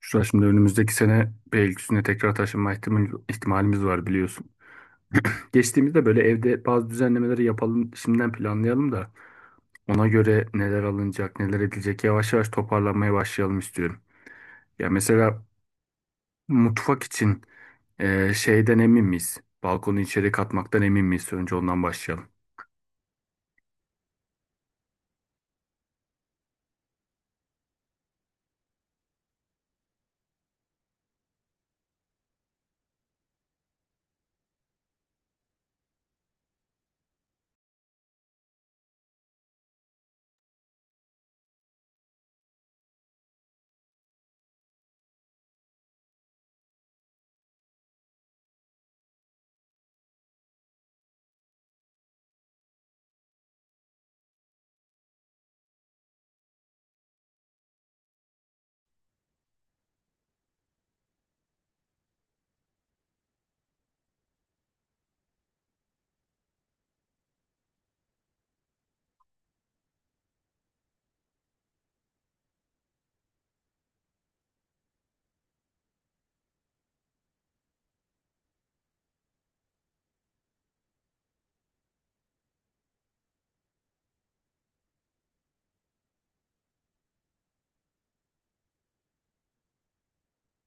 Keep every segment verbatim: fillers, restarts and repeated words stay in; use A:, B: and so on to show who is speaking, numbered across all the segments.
A: Şu an şimdi önümüzdeki sene Beylikdüzü'ne tekrar taşınma ihtimal- ihtimalimiz var biliyorsun. Geçtiğimizde böyle evde bazı düzenlemeleri yapalım, şimdiden planlayalım da ona göre neler alınacak, neler edilecek yavaş yavaş toparlanmaya başlayalım istiyorum. Ya mesela mutfak için e, şeyden emin miyiz? Balkonu içeri katmaktan emin miyiz? Önce ondan başlayalım.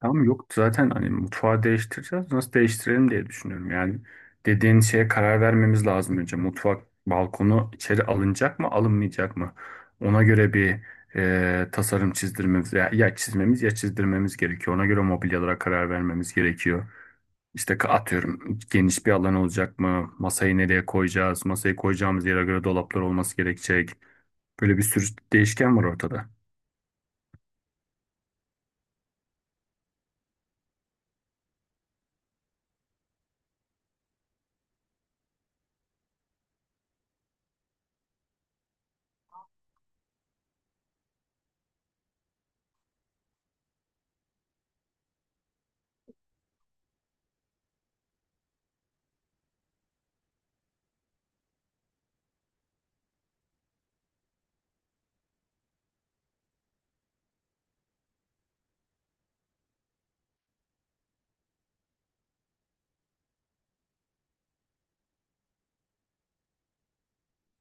A: Tamam, yok zaten hani mutfağı değiştireceğiz. Nasıl değiştirelim diye düşünüyorum. Yani dediğin şeye karar vermemiz lazım önce. Mutfak balkonu içeri alınacak mı alınmayacak mı? Ona göre bir e, tasarım çizdirmemiz ya, ya çizmemiz ya çizdirmemiz gerekiyor. Ona göre mobilyalara karar vermemiz gerekiyor. İşte ka- atıyorum geniş bir alan olacak mı? Masayı nereye koyacağız? Masayı koyacağımız yere göre dolaplar olması gerekecek. Böyle bir sürü değişken var ortada.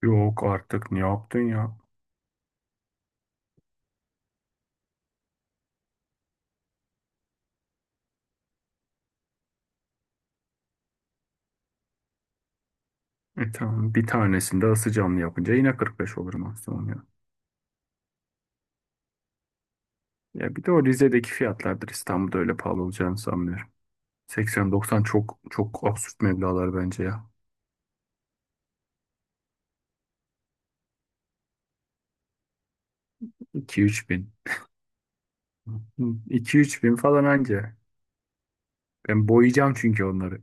A: Yok artık, ne yaptın ya? E, tamam, bir tanesinde ısı camlı yapınca yine kırk beş olur maksimum ya. Ya bir de o Rize'deki fiyatlardır, İstanbul'da öyle pahalı olacağını sanmıyorum. seksen doksan çok çok absürt meblağlar bence ya. iki üç bin. iki üç bin falan anca. Ben boyayacağım çünkü onları.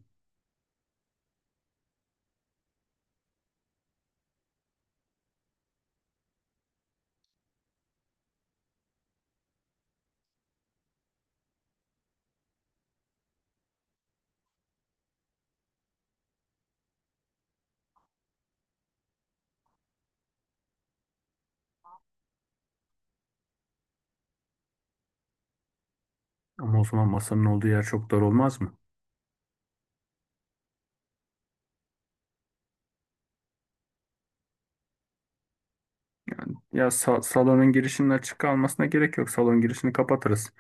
A: Ama o zaman masanın olduğu yer çok dar olmaz mı? Ya sa- salonun girişinin açık kalmasına gerek yok. Salon girişini kapatırız.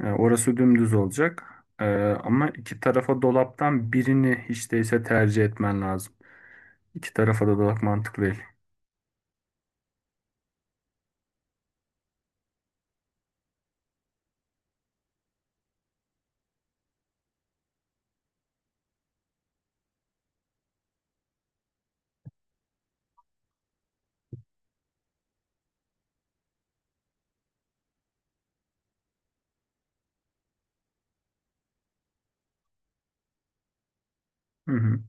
A: E, orası dümdüz olacak. E, ama iki tarafa dolaptan birini hiç değilse tercih etmen lazım. İki tarafa da dolak mantıklı değil. Hı hı.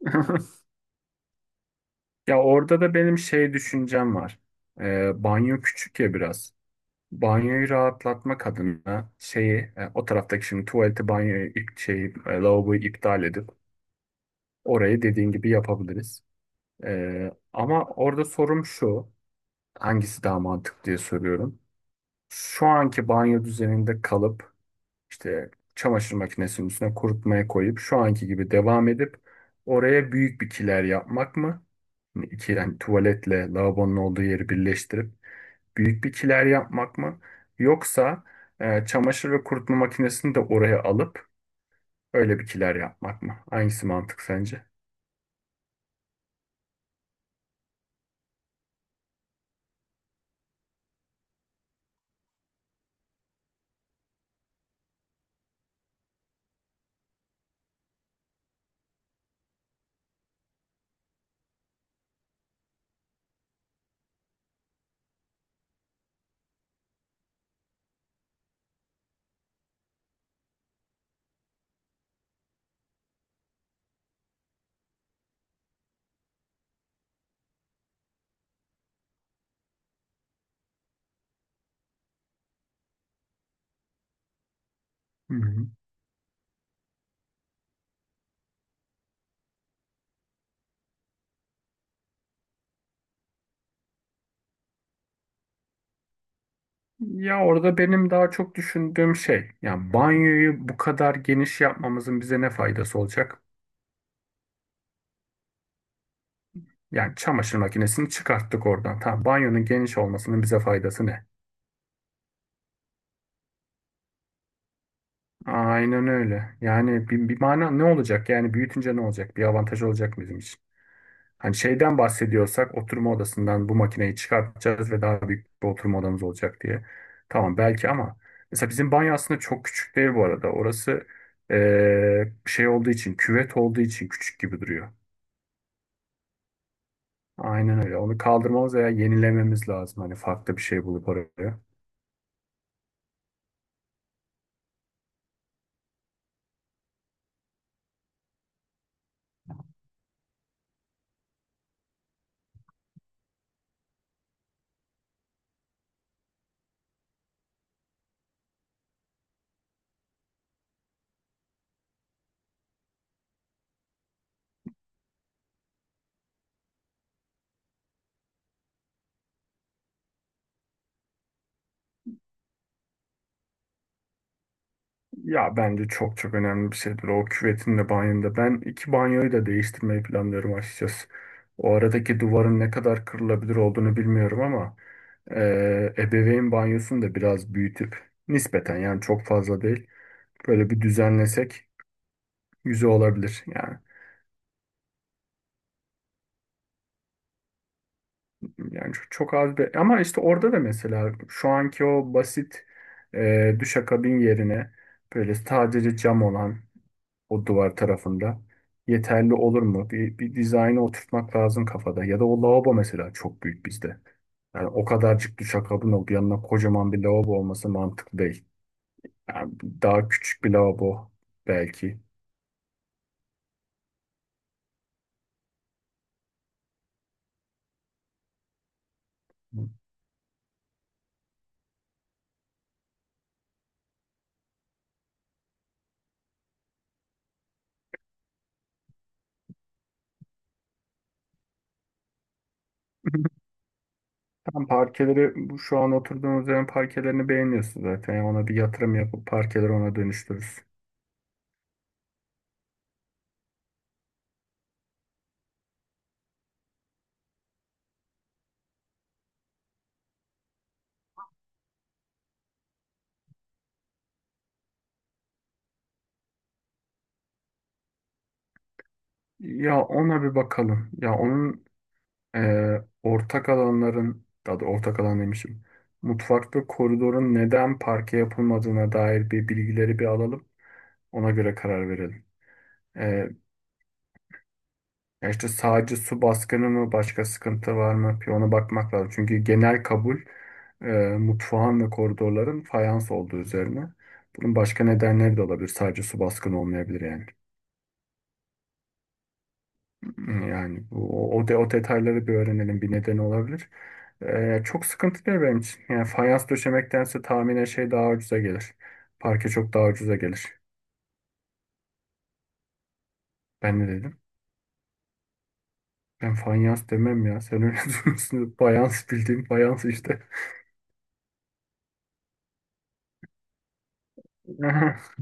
A: Ya orada da benim şey düşüncem var. Ee, banyo küçük ya biraz. Banyoyu rahatlatmak adına şeyi, e, o taraftaki şimdi tuvaleti banyoyu ip, şeyi, e, lavaboyu iptal edip orayı dediğin gibi yapabiliriz. Ee, ama orada sorum şu. Hangisi daha mantıklı diye soruyorum. Şu anki banyo düzeninde kalıp İşte çamaşır makinesinin üstüne kurutmaya koyup şu anki gibi devam edip oraya büyük bir kiler yapmak mı? Yani iki yani tuvaletle lavabonun olduğu yeri birleştirip büyük bir kiler yapmak mı? Yoksa e, çamaşır ve kurutma makinesini de oraya alıp öyle bir kiler yapmak mı? Hangisi mantık sence? Hı hı. Ya orada benim daha çok düşündüğüm şey, yani banyoyu bu kadar geniş yapmamızın bize ne faydası olacak? Yani çamaşır makinesini çıkarttık oradan. Tamam, banyonun geniş olmasının bize faydası ne? Aynen öyle. Yani bir, bir mana ne olacak? Yani büyütünce ne olacak? Bir avantaj olacak mı bizim için? Hani şeyden bahsediyorsak, oturma odasından bu makineyi çıkartacağız ve daha büyük bir oturma odamız olacak diye. Tamam belki, ama mesela bizim banyo aslında çok küçük değil bu arada. Orası eee, şey olduğu için, küvet olduğu için küçük gibi duruyor. Aynen öyle. Onu kaldırmamız veya yenilememiz lazım. Hani farklı bir şey bulup oraya. Ya bence çok çok önemli bir şeydir o, küvetin de banyonun da. Ben iki banyoyu da değiştirmeyi planlıyorum açıkçası. O aradaki duvarın ne kadar kırılabilir olduğunu bilmiyorum ama eee ebeveyn banyosunu da biraz büyütüp nispeten, yani çok fazla değil, böyle bir düzenlesek güzel olabilir. Yani yani çok, çok az bir, ama işte orada da mesela şu anki o basit eee duşakabin yerine böyle sadece cam olan o duvar tarafında yeterli olur mu? Bir, bir dizaynı oturtmak lazım kafada. Ya da o lavabo mesela çok büyük bizde. Yani o kadarcık duşakabin olup yanına kocaman bir lavabo olması mantıklı değil. Yani daha küçük bir lavabo belki. Tam parkeleri, bu şu an oturduğumuz yerin parkelerini beğeniyorsun zaten. Yani ona bir yatırım yapıp parkeleri ona dönüştürürüz. Ya ona bir bakalım. Ya onun, ee, ortak alanların, daha doğrusu ortak alan demişim. Mutfak ve koridorun neden parke yapılmadığına dair bir bilgileri bir alalım. Ona göre karar verelim. Ee, ya işte sadece su baskını mı, başka sıkıntı var mı? Bir ona bakmak lazım. Çünkü genel kabul e, mutfağın ve koridorların fayans olduğu üzerine. Bunun başka nedenleri de olabilir. Sadece su baskını olmayabilir yani. Yani bu, o, de, o detayları bir öğrenelim, bir nedeni olabilir. Ee, çok sıkıntı değil benim için. Yani fayans döşemektense tahminen şey daha ucuza gelir. Parke çok daha ucuza gelir. Ben ne dedim? Ben fayans demem ya. Sen öyle diyorsun. Fayans, bildiğim fayans işte.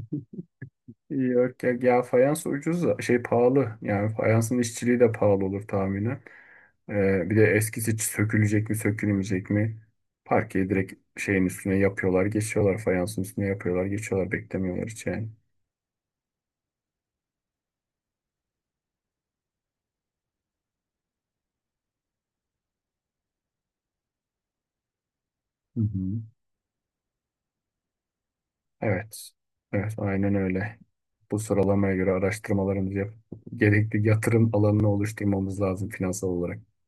A: Yok ya, ya fayans ucuz da şey pahalı. Yani fayansın işçiliği de pahalı olur tahminen. Ee, bir de eskisi sökülecek mi sökülmeyecek mi? Parkeyi direkt şeyin üstüne yapıyorlar, geçiyorlar. Fayansın üstüne yapıyorlar, geçiyorlar. Beklemiyorlar hiç yani. Hı hı. Evet. Evet, aynen öyle. Bu sıralamaya göre araştırmalarımızı yapıp gerekli yatırım alanını oluşturmamız lazım finansal olarak.